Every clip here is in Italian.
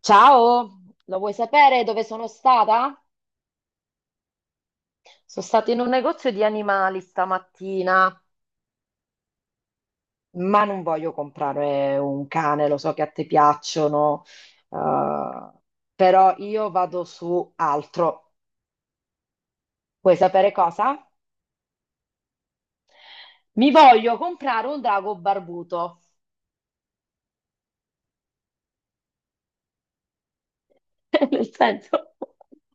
Ciao, lo vuoi sapere dove sono stata? Sono stata in un negozio di animali stamattina, ma non voglio comprare un cane, lo so che a te piacciono, eh, però io vado su altro. Vuoi sapere cosa? Mi voglio comprare un drago barbuto. Nel senso,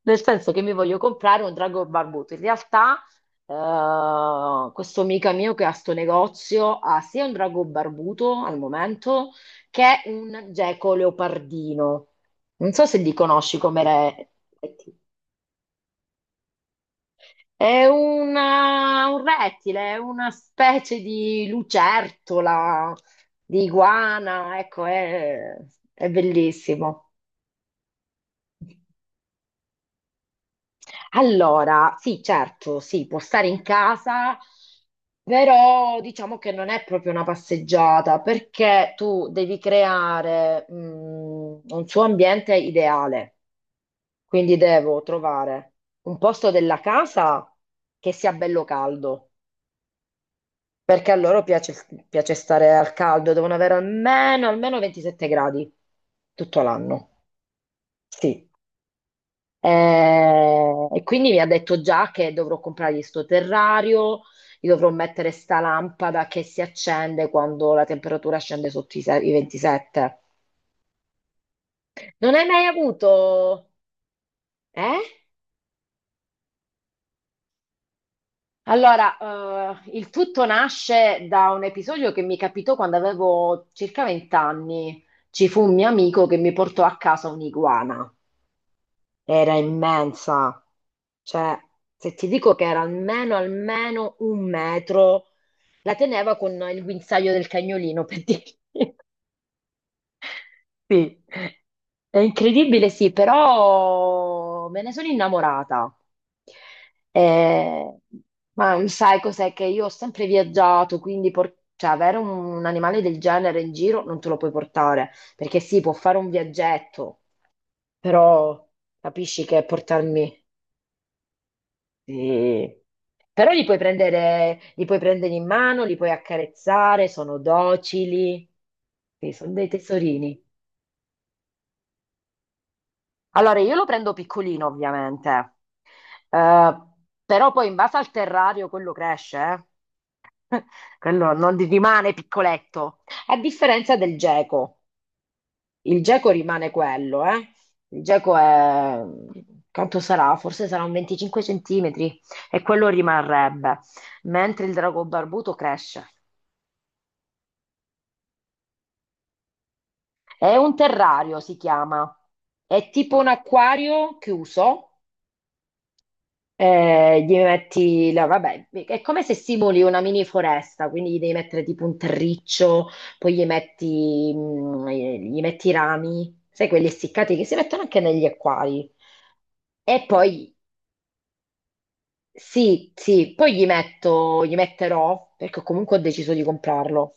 nel senso che mi voglio comprare un drago barbuto. In realtà, questo amico mio che ha sto negozio ha sia un drago barbuto al momento che un geco leopardino. Non so se li conosci come re. Un rettile, è una specie di lucertola, di iguana, ecco, è bellissimo. Allora, sì, certo, sì, può stare in casa, però diciamo che non è proprio una passeggiata perché tu devi creare, un suo ambiente ideale. Quindi devo trovare un posto della casa che sia bello caldo, perché a loro piace, piace stare al caldo, devono avere almeno 27 gradi tutto l'anno. Sì. E quindi mi ha detto già che dovrò comprargli sto terrario, gli dovrò mettere sta lampada che si accende quando la temperatura scende sotto i 27. Non hai mai avuto... Eh? Allora, il tutto nasce da un episodio che mi capitò quando avevo circa 20 anni. Ci fu un mio amico che mi portò a casa un'iguana. Era immensa, cioè, se ti dico che era almeno un metro. La teneva con il guinzaglio del cagnolino, per dirti. Sì. È incredibile, sì, però me ne sono innamorata. Eh, ma sai cos'è, che io ho sempre viaggiato, quindi cioè, avere un animale del genere in giro non te lo puoi portare, perché sì, può fare un viaggetto, però capisci che portarmi... Sì. Però li puoi prendere in mano, li puoi accarezzare, sono docili, sì, sono dei tesorini. Allora, io lo prendo piccolino, ovviamente. Eh, Però poi in base al terrario quello cresce, eh. Quello non rimane piccoletto, a differenza del geco. Il geco rimane quello, eh. Il geco è... Quanto sarà? Forse sarà un 25 centimetri e quello rimarrebbe, mentre il drago barbuto cresce. È un terrario, si chiama. È tipo un acquario chiuso. Gli metti vabbè, è come se simuli una mini foresta, quindi gli devi mettere tipo un terriccio, poi gli metti, gli metti i rami, sai, quelli essiccati che si mettono anche negli acquari. E poi sì, sì, poi gli metto, gli metterò, perché comunque ho deciso di comprarlo.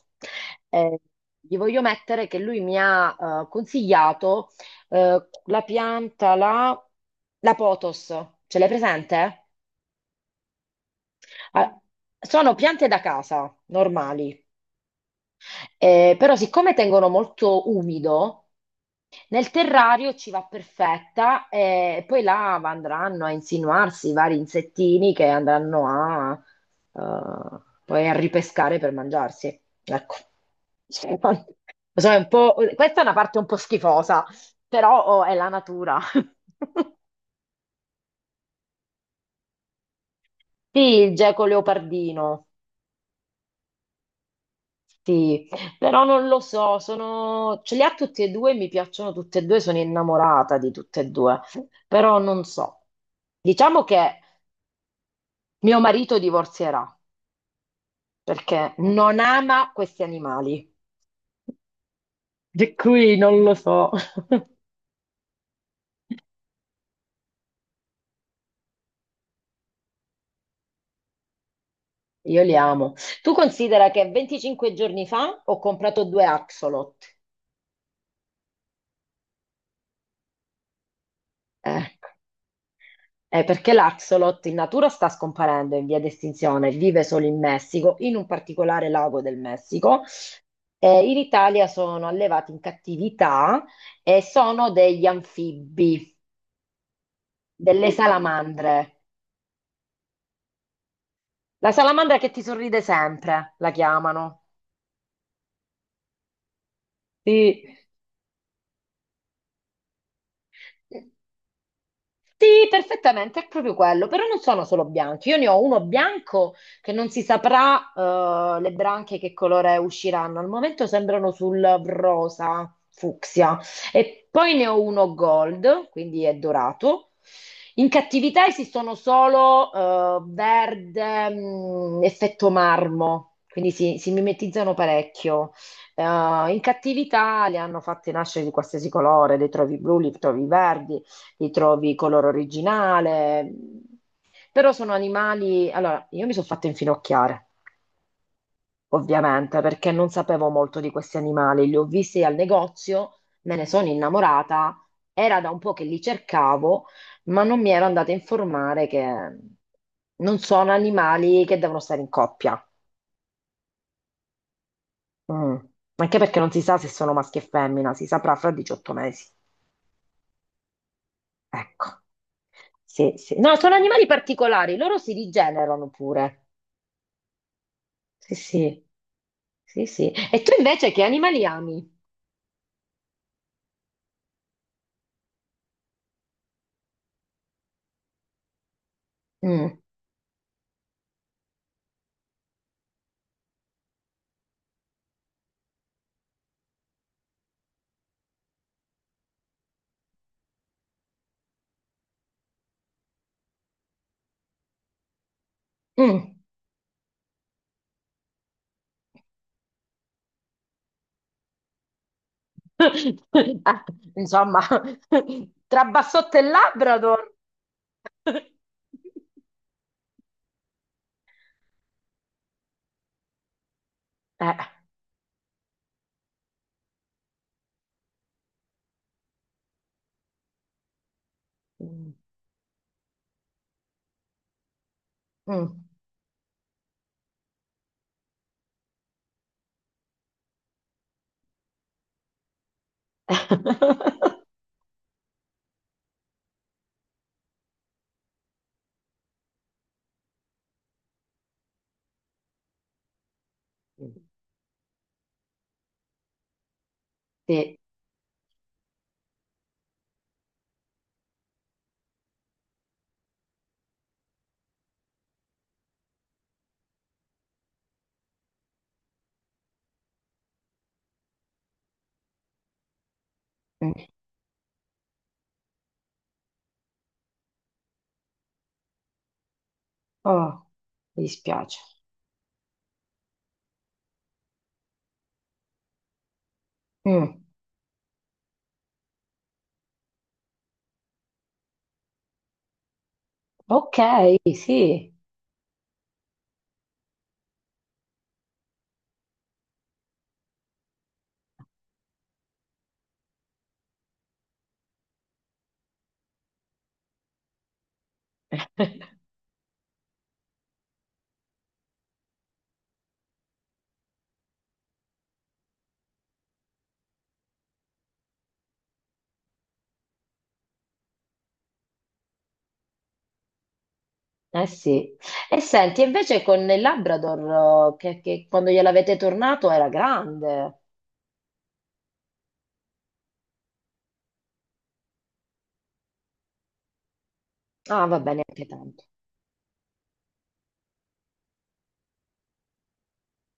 Eh, Gli voglio mettere che lui mi ha consigliato la pianta, la potos, ce l'hai presente? Ah, sono piante da casa, normali. Però siccome tengono molto umido, nel terrario ci va perfetta e poi là andranno a insinuarsi i vari insettini che andranno a, poi a ripescare per mangiarsi. Ecco. Cioè, non- Lo so, è un po'- Questa è una parte un po' schifosa, però oh, è la natura. Sì, il geco leopardino. Sì, però non lo so, sono... ce li ha tutti e due, mi piacciono tutti e due, sono innamorata di tutte e due, però non so. Diciamo che mio marito divorzierà perché non ama questi animali. E qui non lo so. Io li amo. Tu considera che 25 giorni fa ho comprato due axolot. Ecco. Perché l'axolot in natura sta scomparendo in via di estinzione, vive solo in Messico, in un particolare lago del Messico. In Italia sono allevati in cattività e sono degli anfibi, delle salamandre. La salamandra che ti sorride sempre, la chiamano. Sì. Sì, perfettamente, è proprio quello, però non sono solo bianchi, io ne ho uno bianco che non si saprà, le branchie che colore usciranno, al momento sembrano sul rosa fucsia, e poi ne ho uno gold, quindi è dorato. In cattività esistono solo verde, effetto marmo, quindi si mimetizzano parecchio. In cattività li hanno fatti nascere di qualsiasi colore, li trovi blu, li trovi verdi, li trovi color originale, però sono animali... Allora, io mi sono fatta infinocchiare, ovviamente, perché non sapevo molto di questi animali, li ho visti al negozio, me ne sono innamorata, era da un po' che li cercavo, ma non mi ero andata a informare che non sono animali che devono stare in coppia. Mm. Anche perché non si sa se sono maschi e femmina, si saprà fra 18 mesi. Ecco. Sì, sì. No, sono animali particolari, loro si rigenerano pure. Sì, sì, sì, sì. E tu invece che animali ami? Mm, mm. Ah, insomma, tra bassotto e Labrador. Eh. Mm, mm. Sì. Mm. Oh, mi dispiace. Mm. Ok, sì. Eh sì. E senti, invece con il Labrador, che quando gliel'avete tornato era grande. Ah, va bene, anche tanto.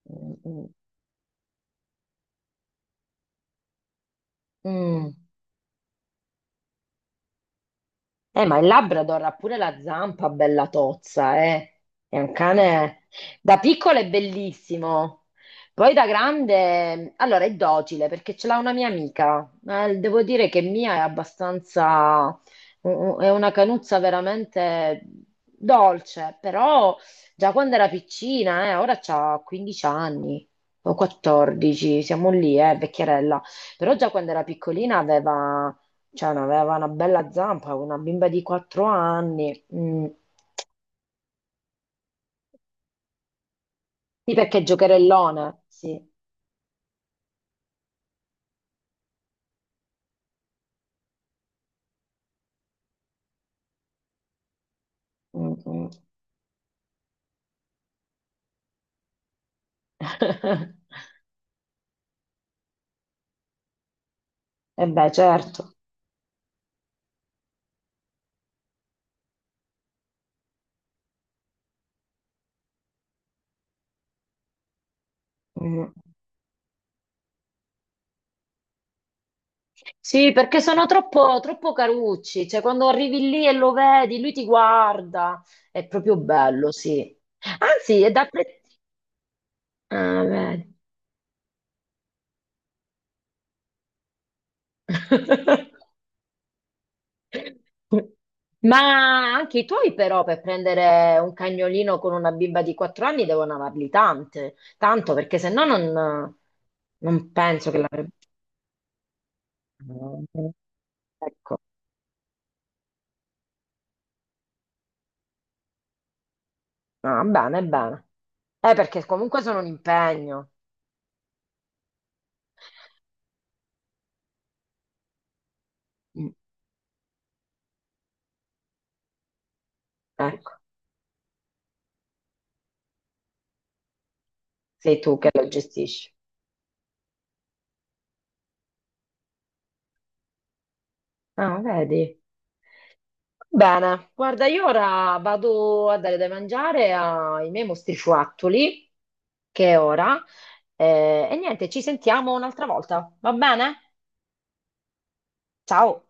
Mm, mm, mm. Ma il Labrador ha pure la zampa bella tozza, eh. È un cane, da piccolo è bellissimo, poi da grande, allora è docile perché ce l'ha una mia amica. Devo dire che Mia è abbastanza, è una canuzza veramente dolce, però già quando era piccina, ora ha 15 anni o 14, siamo lì, vecchierella. Però già quando era piccolina aveva... Cioè, no, aveva una bella zampa, una bimba di 4 anni. Mm. Sì, perché giocherellone, sì. Mm, mm. E beh, certo. Mm. Sì, perché sono troppo, troppo carucci. Cioè, quando arrivi lì e lo vedi, lui ti guarda. È proprio bello, sì. Anzi, è da apprezzare. Ah, vedi. Ma anche i tuoi però, per prendere un cagnolino con una bimba di 4 anni devono amarli tante, tanto, perché se no non, non penso che l'avrebbe... Ecco. Ah, bene, bene. Perché comunque sono un impegno. Mm. Ecco, sei tu che lo gestisci. Ah, vedi. Bene, guarda, io ora vado a dare da mangiare ai miei mostrifuattoli, che è ora. E niente, ci sentiamo un'altra volta, va bene? Ciao!